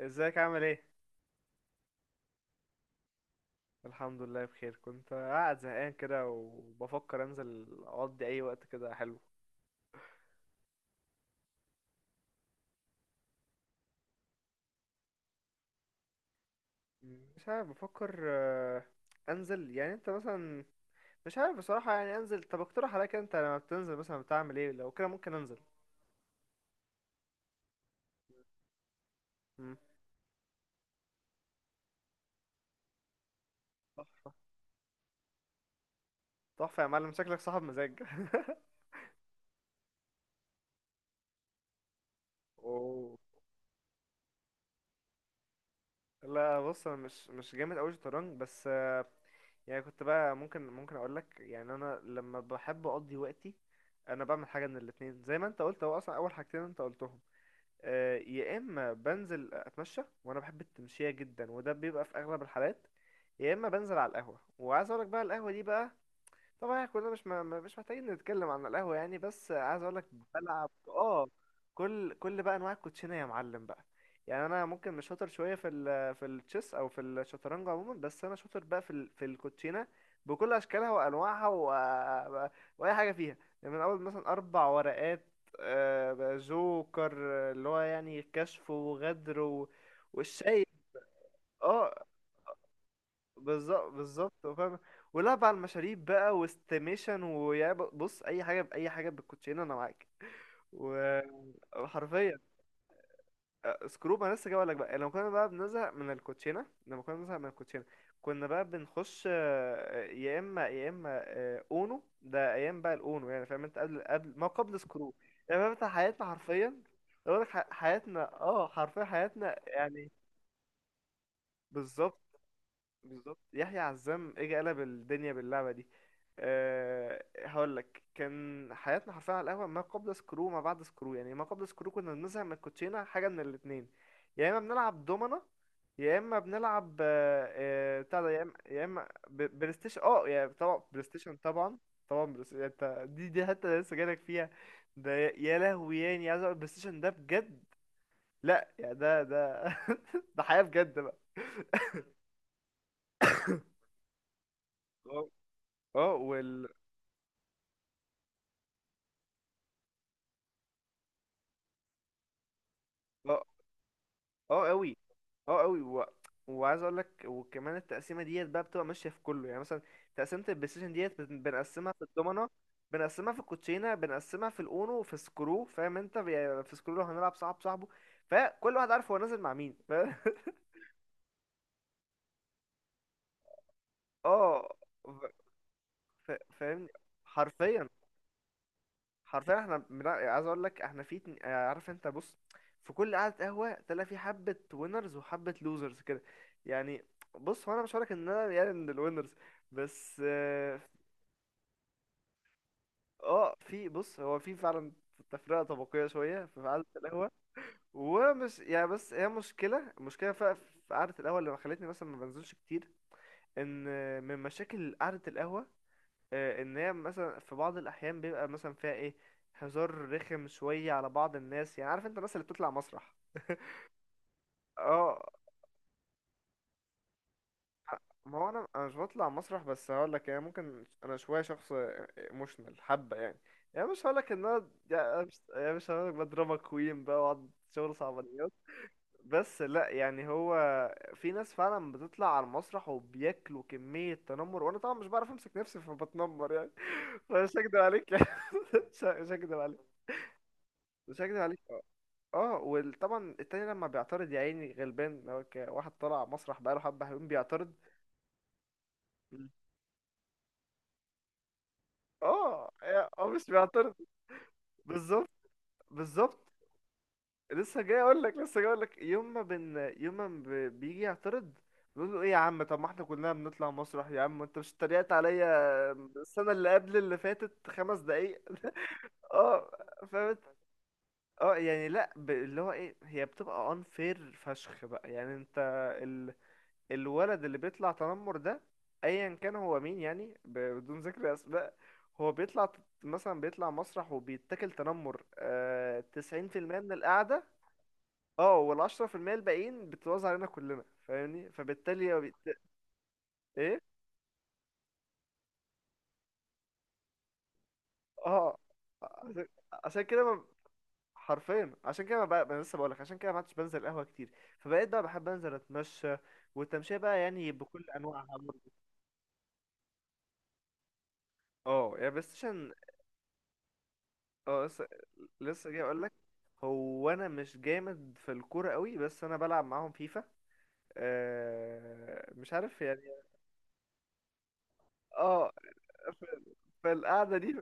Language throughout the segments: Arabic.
ازيك؟ عامل ايه؟ الحمد لله، بخير. كنت قاعد زهقان كده وبفكر انزل اقضي اي وقت كده حلو. مش عارف، بفكر. انزل يعني انت مثلا. مش عارف بصراحة، يعني انزل. طب اقترح عليك، انت لما بتنزل مثلا بتعمل ايه؟ لو كده ممكن انزل. مم. تحفة يا معلم، شكلك صاحب مزاج. اوه. لا بص، انا مش جامد قوي شطرنج، بس يعني كنت بقى ممكن اقول لك، يعني انا لما بحب اقضي وقتي. انا بعمل حاجه من الاتنين، زي ما انت قلت هو اصلا اول حاجتين انت قلتهم. يا اما بنزل اتمشى وانا بحب التمشيه جدا، وده بيبقى في اغلب الحالات. يا اما بنزل على القهوه، وعايز اقول لك بقى القهوه دي بقى. طبعا احنا كلنا مش محتاجين نتكلم عن القهوة يعني، بس عايز اقول لك. بلعب، اه. كل بقى انواع الكوتشينة يا معلم بقى. يعني انا ممكن مش شاطر شوية في في التشيس او في الشطرنج عموما، بس انا شاطر بقى في في الكوتشينة بكل اشكالها وانواعها واي حاجة فيها. يعني من اول مثلا اربع ورقات، جوكر، اللي هو يعني كشف وغدر والشاي. اه، بالظبط بالظبط، فاهم. ولعب على المشاريب بقى واستيميشن، بص اي حاجه باي حاجه بالكوتشينه انا معاك. و- وحرفيا. سكروب انا لسه جاي لك بقى. لما كنا بنزهق من الكوتشينه كنا بقى بنخش، يا اما اونو. ده ايام بقى الاونو، يعني فاهم انت قبل ما قبل سكروب. يعني فاهم انت، حياتنا حرفيا. اقول لك حياتنا اه حرفيا، حياتنا يعني. بالظبط. بالظبط. يحيى عزام اجى قلب الدنيا باللعبه دي. أه، هقول لك كان حياتنا حرفيا على القهوه، ما قبل سكرو ما بعد سكرو. يعني ما قبل سكرو كنا بنزهق من الكوتشينه، حاجه من الاثنين. يا اما بنلعب دومنا، يا اما بنلعب بتاع ده، يا اما بلاي ستيشن. اه يعني طبعا بلاي ستيشن طبعا. طبعا بلاي ستيشن. انت دي حتى أنا لسه جايلك فيها. ده يا لهوي، يعني عايز اقول البلاي ستيشن ده بجد. لا يعني ده ده حياه بجد بقى. اه اه، اه قوي. اه قوي وعايز اقول لك، وكمان التقسيمه ديت بقى بتبقى ماشيه في كله، يعني مثلا تقسيمه البلاي ستيشن ديت بنقسمها في الدومنه، بنقسمها في الكوتشينه، بنقسمها في الاونو، في سكرو. فاهم انت؟ يعني في سكرو لو هنلعب صاحب صاحبه فكل واحد عارف هو نازل مع مين اه. ف... فاهمني. حرفيا. حرفيا احنا عايز اقول لك احنا عارف انت، بص. في كل قعدة قهوة تلاقي في حبة وينرز وحبة لوزرز كده، يعني. بص، هو انا مش هقولك ان انا يعني من الوينرز، بس اه. في بص هو في فعلا تفرقة طبقية شوية في قعدة القهوة. ومش يعني، بس هي مشكلة مشكلة في قعدة القهوة اللي خلتني مثلا ما بنزلش كتير. ان من مشاكل قعدة القهوة، ان هي مثلا في بعض الاحيان بيبقى مثلا فيها ايه، هزار رخم شويه على بعض الناس، يعني عارف انت الناس اللي بتطلع مسرح. اه. ما هو انا مش بطلع مسرح، بس هقول لك يعني ممكن انا شويه شخص ايموشنال حبه يعني. يعني مش هقول لك ان انا، يعني مش هقول لك بضربك كوين بقى واقعد شغل صعبانيات. بس لا يعني هو، في ناس فعلا بتطلع على المسرح وبياكلوا كميه تنمر، وانا طبعا مش بعرف امسك نفسي فبتنمر يعني. فمش هكدب عليك يعني. مش هكدب عليك. مش هكدب عليك، اه. وطبعا التاني لما بيعترض يا عيني غلبان، لو واحد طلع مسرح بقاله حبة حلوين بيعترض. مم. اه، اه، مش بيعترض. بالظبط، بالظبط. لسه جاي اقول لك يوم ما بيجي يعترض، بيقول له ايه يا عم، طب ما احنا كلنا بنطلع مسرح يا عم، انت مش اتريقت عليا السنه اللي قبل اللي فاتت 5 دقايق؟ اه، فاهم. اه يعني لا اللي هو ايه، هي بتبقى unfair فشخ بقى، يعني انت الولد اللي بيطلع تنمر ده، ايا كان هو مين، يعني بدون ذكر اسماء، هو مثلا بيطلع مسرح وبيتاكل تنمر، 90% من القعدة. اه، و10% الباقيين بتتوزع علينا كلنا، فاهمني، فبالتالي هو ايه، اه، عشان عشان كده ما... حرفيا عشان كده ما أنا لسه بقولك عشان كده ما عدتش بنزل القهوة كتير. فبقيت بقى بحب انزل اتمشى، والتمشية بقى يعني بكل انواعها برضه. اه يعني بلاي ستيشن. اه، لسه جاي اقول لك. هو انا مش جامد في الكوره قوي، بس انا بلعب معاهم فيفا. مش عارف يعني. اه، في في القعده دي.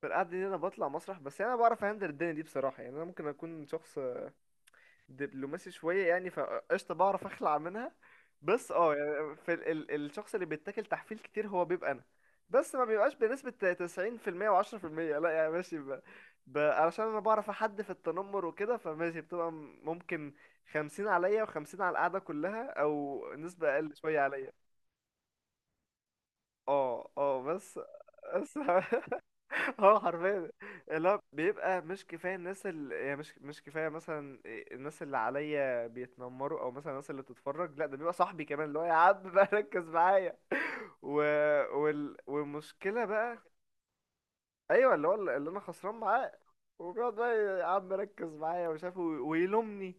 في القعده دي انا بطلع مسرح، بس يعني انا بعرف اهندل الدنيا دي بصراحه، يعني انا ممكن اكون شخص دبلوماسي شويه يعني، فقشطه بعرف اخلع منها. بس اه يعني في ال ال الشخص اللي بيتاكل تحفيل كتير هو بيبقى انا. بس ما بيبقاش بنسبه 90% و10%. لا يعني ماشي علشان انا بعرف احد في التنمر وكده، فماشي بتبقى ممكن 50 عليا و50 على القعده كلها، او نسبه اقل شويه عليا. اه، اه، بس. بس. اه، حرفيا. لا بيبقى مش كفايه الناس، اللي يعني مش كفايه مثلا الناس اللي عليا بيتنمروا او مثلا الناس اللي بتتفرج، لا ده بيبقى صاحبي كمان اللي هو يا عم بقى ركز معايا. و... والمشكله بقى، ايوه، اللي هو اللي انا خسران معاه. وبيقعد بقى يا عم ركز معايا ومش عارف، ويلومني.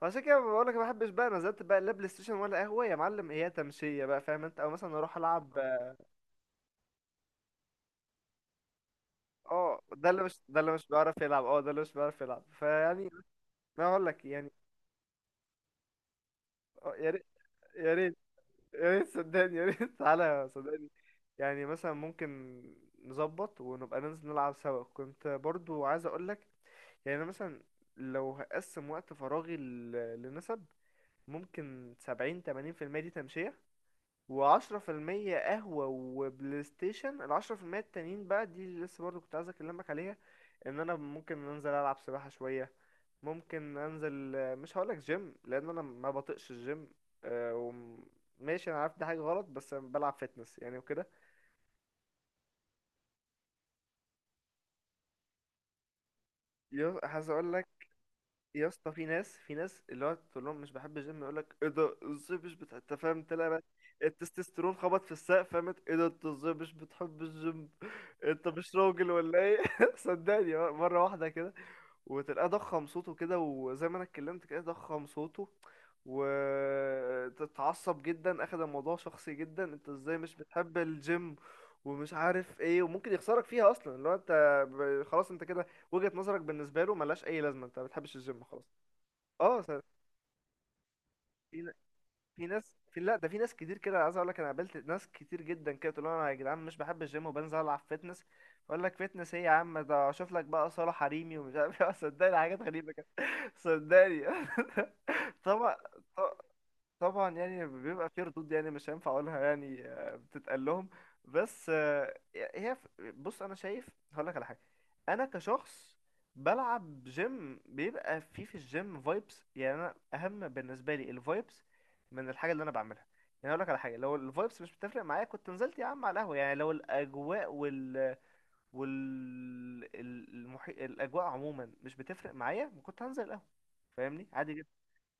فعشان كده بقول لك ما بحبش بقى، نزلت بقى لا بلاي ستيشن ولا قهوه يا معلم، هي تمشيه بقى فاهم انت، او مثلا اروح العب. اه، ده اللي مش بيعرف يلعب، اه ده اللي مش بيعرف يلعب فيعني، ما اقول لك يعني. يا ريت. يا ريت. يا ريت صدقني، يا ريت. تعالى صدقني. يعني مثلا ممكن نظبط ونبقى ننزل نلعب سوا. كنت برضو عايز اقولك، يعني انا مثلا لو هقسم وقت فراغي لنسب، ممكن سبعين تمانين في المية دي تمشية، و10% قهوة وبلاي ستيشن. 10% التانيين بقى دي اللي لسه برضه كنت عايز أكلمك عليها، إن أنا ممكن أنزل ألعب سباحة شوية. ممكن أنزل، مش هقولك جيم، لأن أنا ما بطيقش الجيم. آه، وم- ماشي أنا عارف دي حاجة غلط، بس أنا بلعب فيتنس يعني وكده. عايز أقولك، يا اسطى، في ناس اللي هو تقول لهم مش بحب الجيم يقول لك ايه ده، ازاي مش بتحب؟ انت فاهم، تلاقي بقى التستوستيرون خبط في السقف. فهمت؟ ايه ده، انت ازاي مش بتحب الجيم؟ انت مش راجل ولا ايه؟ صدقني، مره واحده كده، وتلاقيه ضخم صوته كده، وزي ما انا اتكلمت كده، ضخم صوته، وتتعصب جدا، اخد الموضوع شخصي جدا، انت ازاي مش بتحب الجيم ومش عارف ايه، وممكن يخسرك فيها اصلا لو انت خلاص انت كده، وجهة نظرك بالنسبة له ملهاش أي لازمة، أنت ما بتحبش الجيم خلاص. أه، في ن- في ناس في لا ده في ناس كتير كده، عايز أقول لك أنا قابلت ناس كتير جدا كده تقول لهم أنا يا جدعان مش بحب الجيم وبنزل ألعب فيتنس، يقول لك فيتنس إيه يا عم، ده أشوف لك بقى صالة حريمي ومش عارف إيه، صدقني، حاجات غريبة كده. صدقني. طبعا. طبعا يعني بيبقى في ردود يعني مش هينفع اقولها يعني، بتتقال لهم. بس هي بص، انا شايف هقول لك على حاجه. انا كشخص بلعب جيم بيبقى في الجيم فايبس، يعني انا اهم بالنسبه لي الفايبس من الحاجه اللي انا بعملها. يعني اقول لك على حاجه، لو الفايبس مش بتفرق معايا كنت نزلت يا عم على القهوه. يعني لو الاجواء وال الاجواء عموما مش بتفرق معايا ما كنت هنزل القهوه، فاهمني، عادي جدا.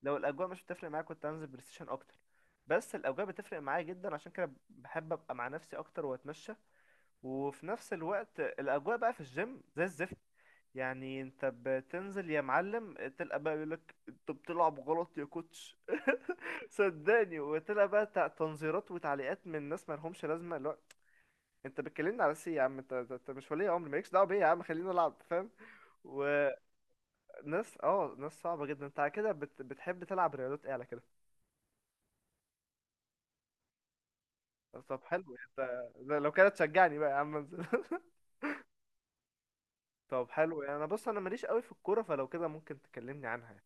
لو الاجواء مش بتفرق معايا كنت هنزل بلاي ستيشن اكتر، بس الاجواء بتفرق معايا جدا، عشان كده بحب ابقى مع نفسي اكتر واتمشى. وفي نفس الوقت الاجواء بقى في الجيم زي الزفت. يعني انت بتنزل يا معلم تلقى بقى يقولك انت بتلعب غلط يا كوتش. صدقني، وتلقى بقى تنظيرات وتعليقات من ناس ما لهمش لازمه، اللي هو انت بتكلمني على سي يا عم، انت انت أنت مش ولي امر، مالكش دعوه بيا يا عم، خلينا نلعب، فاهم؟ وناس، اه، ناس صعبه جدا. انت على كده بتحب تلعب رياضات ايه على كده؟ طب حلو. انت لو كده تشجعني بقى يا عم انزل. طب حلو، يعني انا بص انا ماليش قوي في الكوره، فلو كده ممكن تكلمني عنها يعني.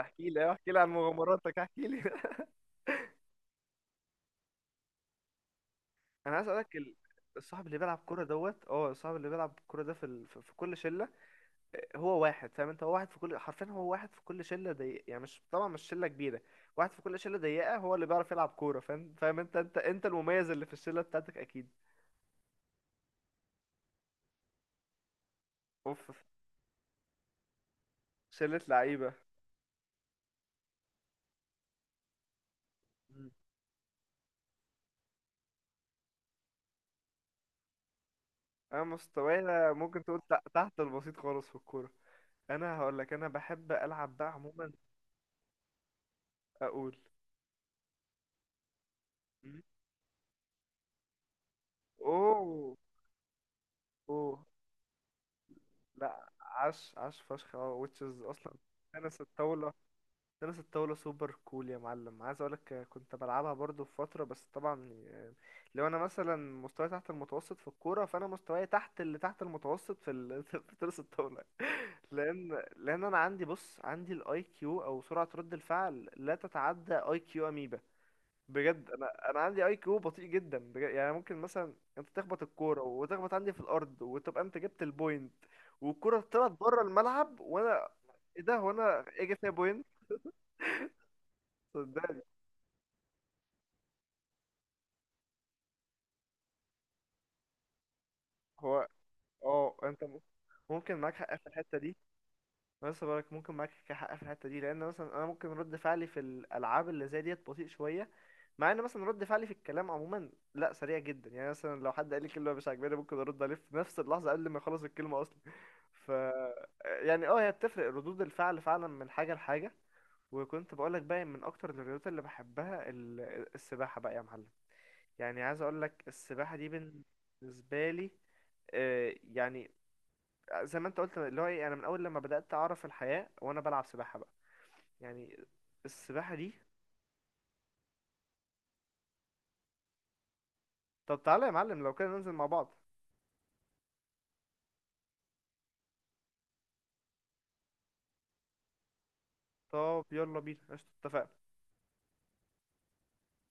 احكي لي، احكي لي عن مغامراتك، احكي لي. انا عايز اقولك، الصاحب اللي بيلعب كوره ده في ال... في في كل شله، هو واحد فاهم انت، هو واحد في كل، حرفيا هو واحد في كل شله ضيقه، يعني مش طبعا مش شله كبيره. واحد في كل شله ضيقه هو اللي بيعرف يلعب كوره، فاهم؟ فاهم انت، انت المميز اللي في الشله بتاعتك اكيد. اوف، شله لعيبه. انا مستواي ممكن تقول تحت البسيط خالص في الكوره. انا هقول لك، انا بحب العب بقى عموما. اقول. م؟ اوه. اوه، لا، عاش عاش فشخ، اه، وتشز اصلا. تنس الطاوله. تنس الطاولة سوبر كول يا معلم، عايز اقولك كنت بلعبها برضو في فترة، بس طبعا لو انا مثلا مستواي تحت المتوسط في الكورة، فانا مستواي تحت اللي تحت المتوسط في تنس الطاولة. لان انا عندي، بص عندي، الاي كيو او سرعة رد الفعل لا تتعدى اي كيو اميبا. بجد، انا عندي اي كيو بطيء جدا بجد. يعني ممكن مثلا انت تخبط الكورة وتخبط عندي في الارض وتبقى انت جبت البوينت، والكرة طلعت بره الملعب وانا، ايه ده، هو انا اجي فيها بوينت؟ صدقني. هو، اه، انت ممكن معاك حق في الحته دي. أنا لسه بقولك ممكن معاك حق في الحته دي، لان مثلا انا ممكن رد فعلي في الالعاب اللي زي ديت بطيء شويه، مع ان مثلا رد فعلي في الكلام عموما لا، سريع جدا. يعني مثلا لو حد قال لي كلمه مش عاجباني ممكن ارد عليه في نفس اللحظه قبل ما يخلص الكلمه اصلا. ف يعني اه هي بتفرق ردود الفعل فعلا من حاجه لحاجه. وكنت بقولك بقى من اكتر الرياضات اللي بحبها السباحه بقى يا معلم. يعني عايز اقولك السباحه دي بالنسبه لي، يعني زي ما انت قلت اللي هو ايه، انا من اول لما بدأت اعرف الحياة وانا بلعب سباحة بقى، يعني السباحة دي. طب تعالى يا معلم لو كده ننزل مع بعض. طب يلا بينا، قشطة، اتفقنا.